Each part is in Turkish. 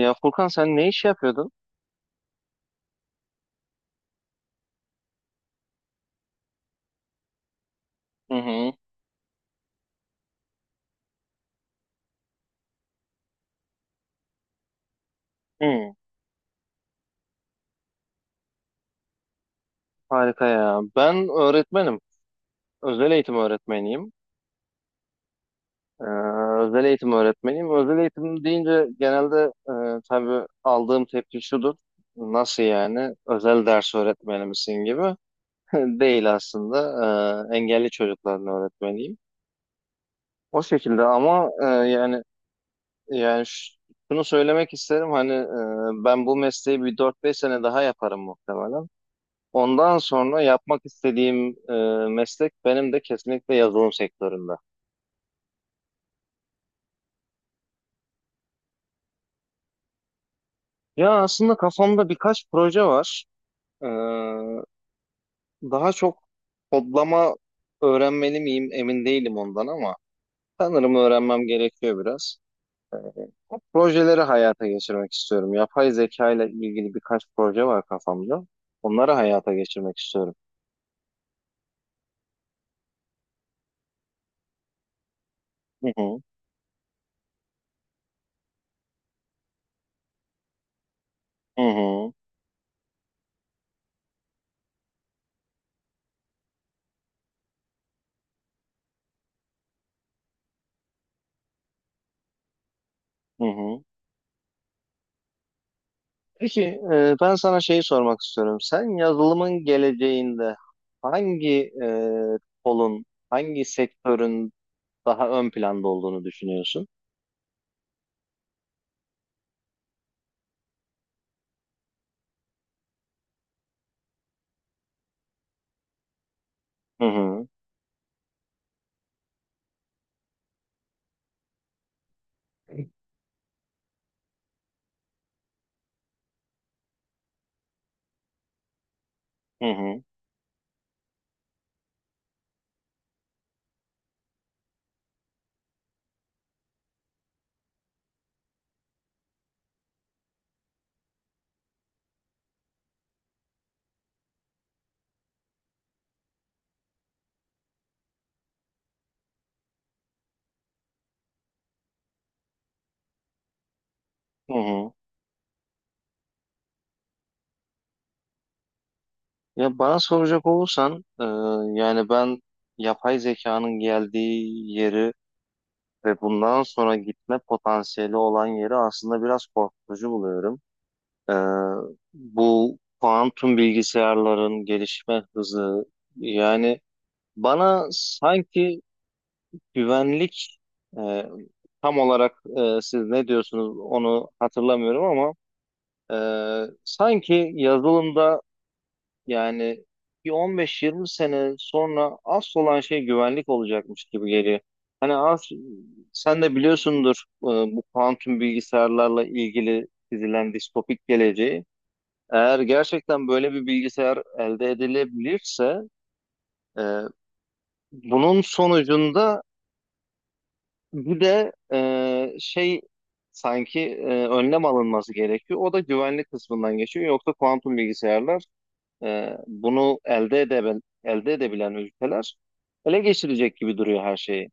Ya Furkan sen ne iş yapıyordun? Hı hı. Hı, Harika ya. Ben öğretmenim. Özel eğitim öğretmeniyim. Ee, Özel eğitim öğretmeniyim. Özel eğitim deyince genelde tabii aldığım tepki şudur. Nasıl yani? Özel ders öğretmeni misin gibi. Değil aslında. Engelli çocukların öğretmeniyim. O şekilde ama yani şunu söylemek isterim hani ben bu mesleği bir dört beş sene daha yaparım muhtemelen. Ondan sonra yapmak istediğim meslek benim de kesinlikle yazılım sektöründe. Ya aslında kafamda birkaç proje var. E, Daha çok kodlama öğrenmeli miyim emin değilim ondan ama sanırım öğrenmem gerekiyor biraz. O projeleri hayata geçirmek istiyorum. Yapay zeka ile ilgili birkaç proje var kafamda. Onları hayata geçirmek istiyorum. Hı hı, hı hı, hı hı. Peki, ben sana şeyi sormak istiyorum. Sen yazılımın geleceğinde hangi e, kolun, hangi sektörün daha ön planda olduğunu düşünüyorsun? Hı hı, hı hı, hı hı. Ya bana soracak olursan, yani ben yapay zekanın geldiği yeri ve bundan sonra gitme potansiyeli olan yeri aslında biraz korkutucu buluyorum. E, Bu kuantum bilgisayarların gelişme hızı, yani. Bana sanki güvenlik e, tam olarak siz ne diyorsunuz onu hatırlamıyorum ama e, sanki yazılımda yani bir 15-20 sene sonra asıl olan şey güvenlik olacakmış gibi geliyor. Hani az sen de biliyorsundur bu kuantum bilgisayarlarla ilgili dizilen distopik geleceği. Eğer gerçekten böyle bir bilgisayar elde edilebilirse e, bunun sonucunda bir de şey sanki önlem alınması gerekiyor. O da güvenlik kısmından geçiyor. Yoksa kuantum bilgisayarlar bunu elde edebilen ülkeler ele geçirecek gibi duruyor her şeyi.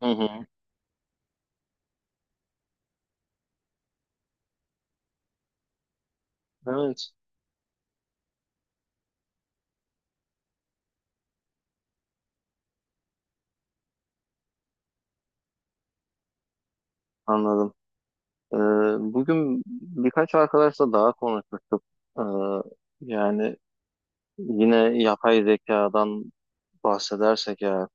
Hı hı. Evet, anladım. E, Bugün birkaç arkadaşla daha konuşmuştuk. E, Yani yine yapay zekadan bahsedersek ya.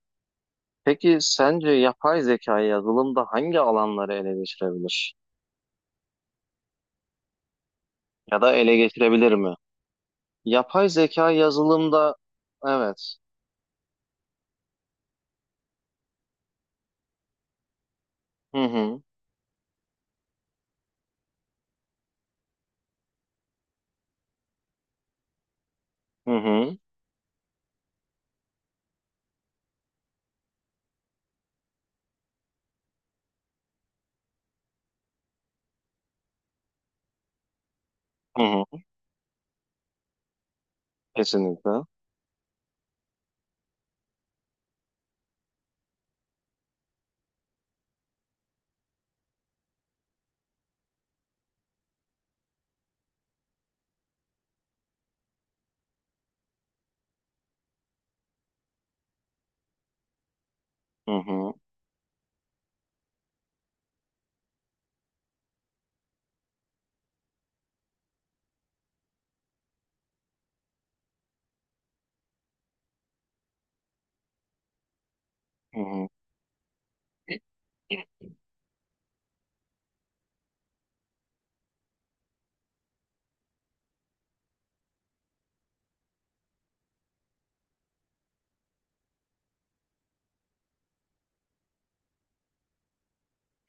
Peki sence yapay zekayı yazılımda hangi alanları ele geçirebilir? Ya da ele geçirebilir mi? Yapay zeka yazılımda evet. Hı hı. Hı hı. Hı hı. Kesinlikle. Hı hı. Hı hı.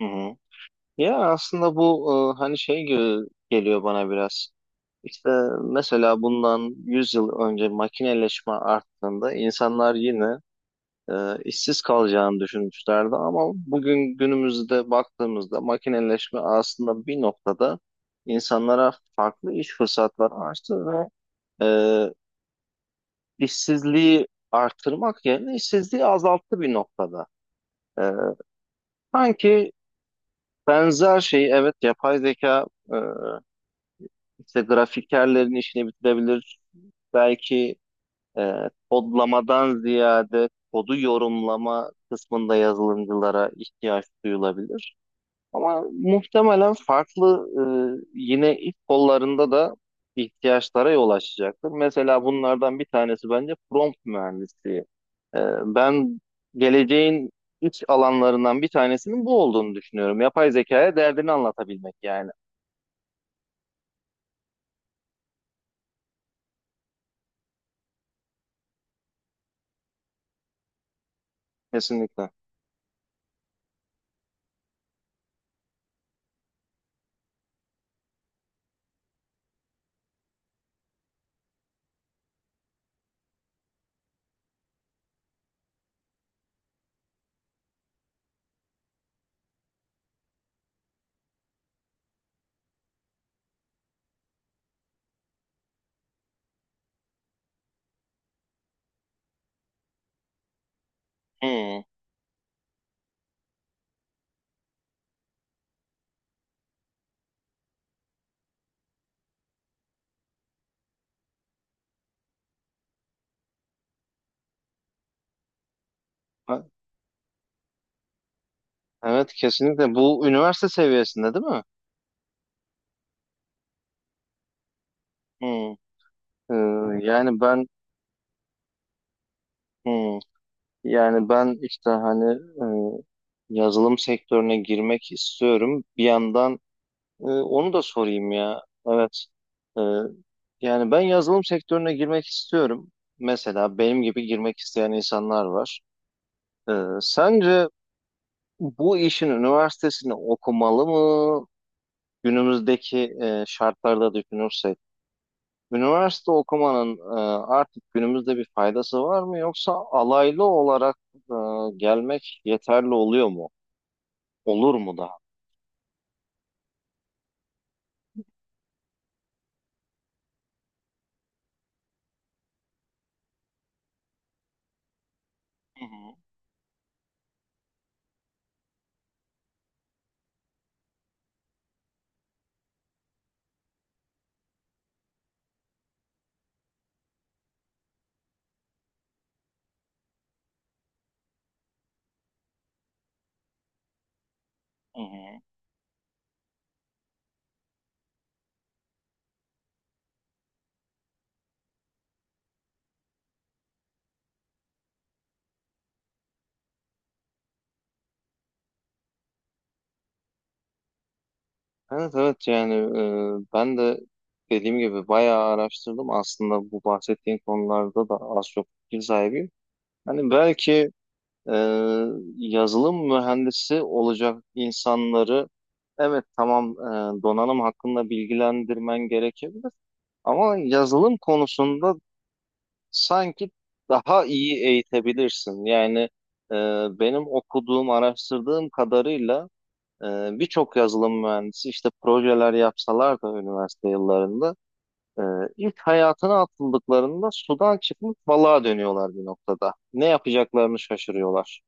Hı hı. Ya aslında bu hani şey gibi geliyor bana biraz. İşte mesela bundan 100 yıl önce makineleşme arttığında insanlar yine işsiz kalacağını düşünmüşlerdi ama bugün günümüzde baktığımızda makineleşme aslında bir noktada insanlara farklı iş fırsatları açtı ve e, işsizliği artırmak yerine işsizliği azalttı bir noktada. Ee, Sanki benzer şeyi, evet, yapay zeka e, işte grafikerlerin işini bitirebilir. Belki e, kodlamadan ziyade kodu yorumlama kısmında yazılımcılara ihtiyaç duyulabilir. Ama muhtemelen farklı yine ilk kollarında da ihtiyaçlara yol açacaktır. Mesela bunlardan bir tanesi bence prompt mühendisliği. E, Ben geleceğin iç alanlarından bir tanesinin bu olduğunu düşünüyorum. Yapay zekaya derdini anlatabilmek yani. Kesinlikle. Hmm. Ha- Evet, kesinlikle. Bu üniversite seviyesinde değil mi? Hmm. Yani ben hmm. Yani ben işte hani yazılım sektörüne girmek istiyorum. Bir yandan onu da sorayım ya. Evet. E, Yani ben yazılım sektörüne girmek istiyorum. Mesela benim gibi girmek isteyen insanlar var. E, Sence bu işin üniversitesini okumalı mı? Günümüzdeki şartlarda düşünürsek. Üniversite okumanın artık günümüzde bir faydası var mı? Yoksa alaylı olarak gelmek yeterli oluyor mu? Olur mu daha? Hı hı, hı hı. Evet, evet, yani ben de dediğim gibi bayağı araştırdım aslında bu bahsettiğin konularda da az çok fikir sahibiyim. Hani belki e, yazılım mühendisi olacak insanları, evet, tamam, donanım hakkında bilgilendirmen gerekebilir ama yazılım konusunda sanki daha iyi eğitebilirsin. Yani e, benim okuduğum, araştırdığım kadarıyla birçok yazılım mühendisi işte projeler yapsalar da üniversite yıllarında e, ilk hayatına atıldıklarında sudan çıkmış balığa dönüyorlar bir noktada. Ne yapacaklarını şaşırıyorlar.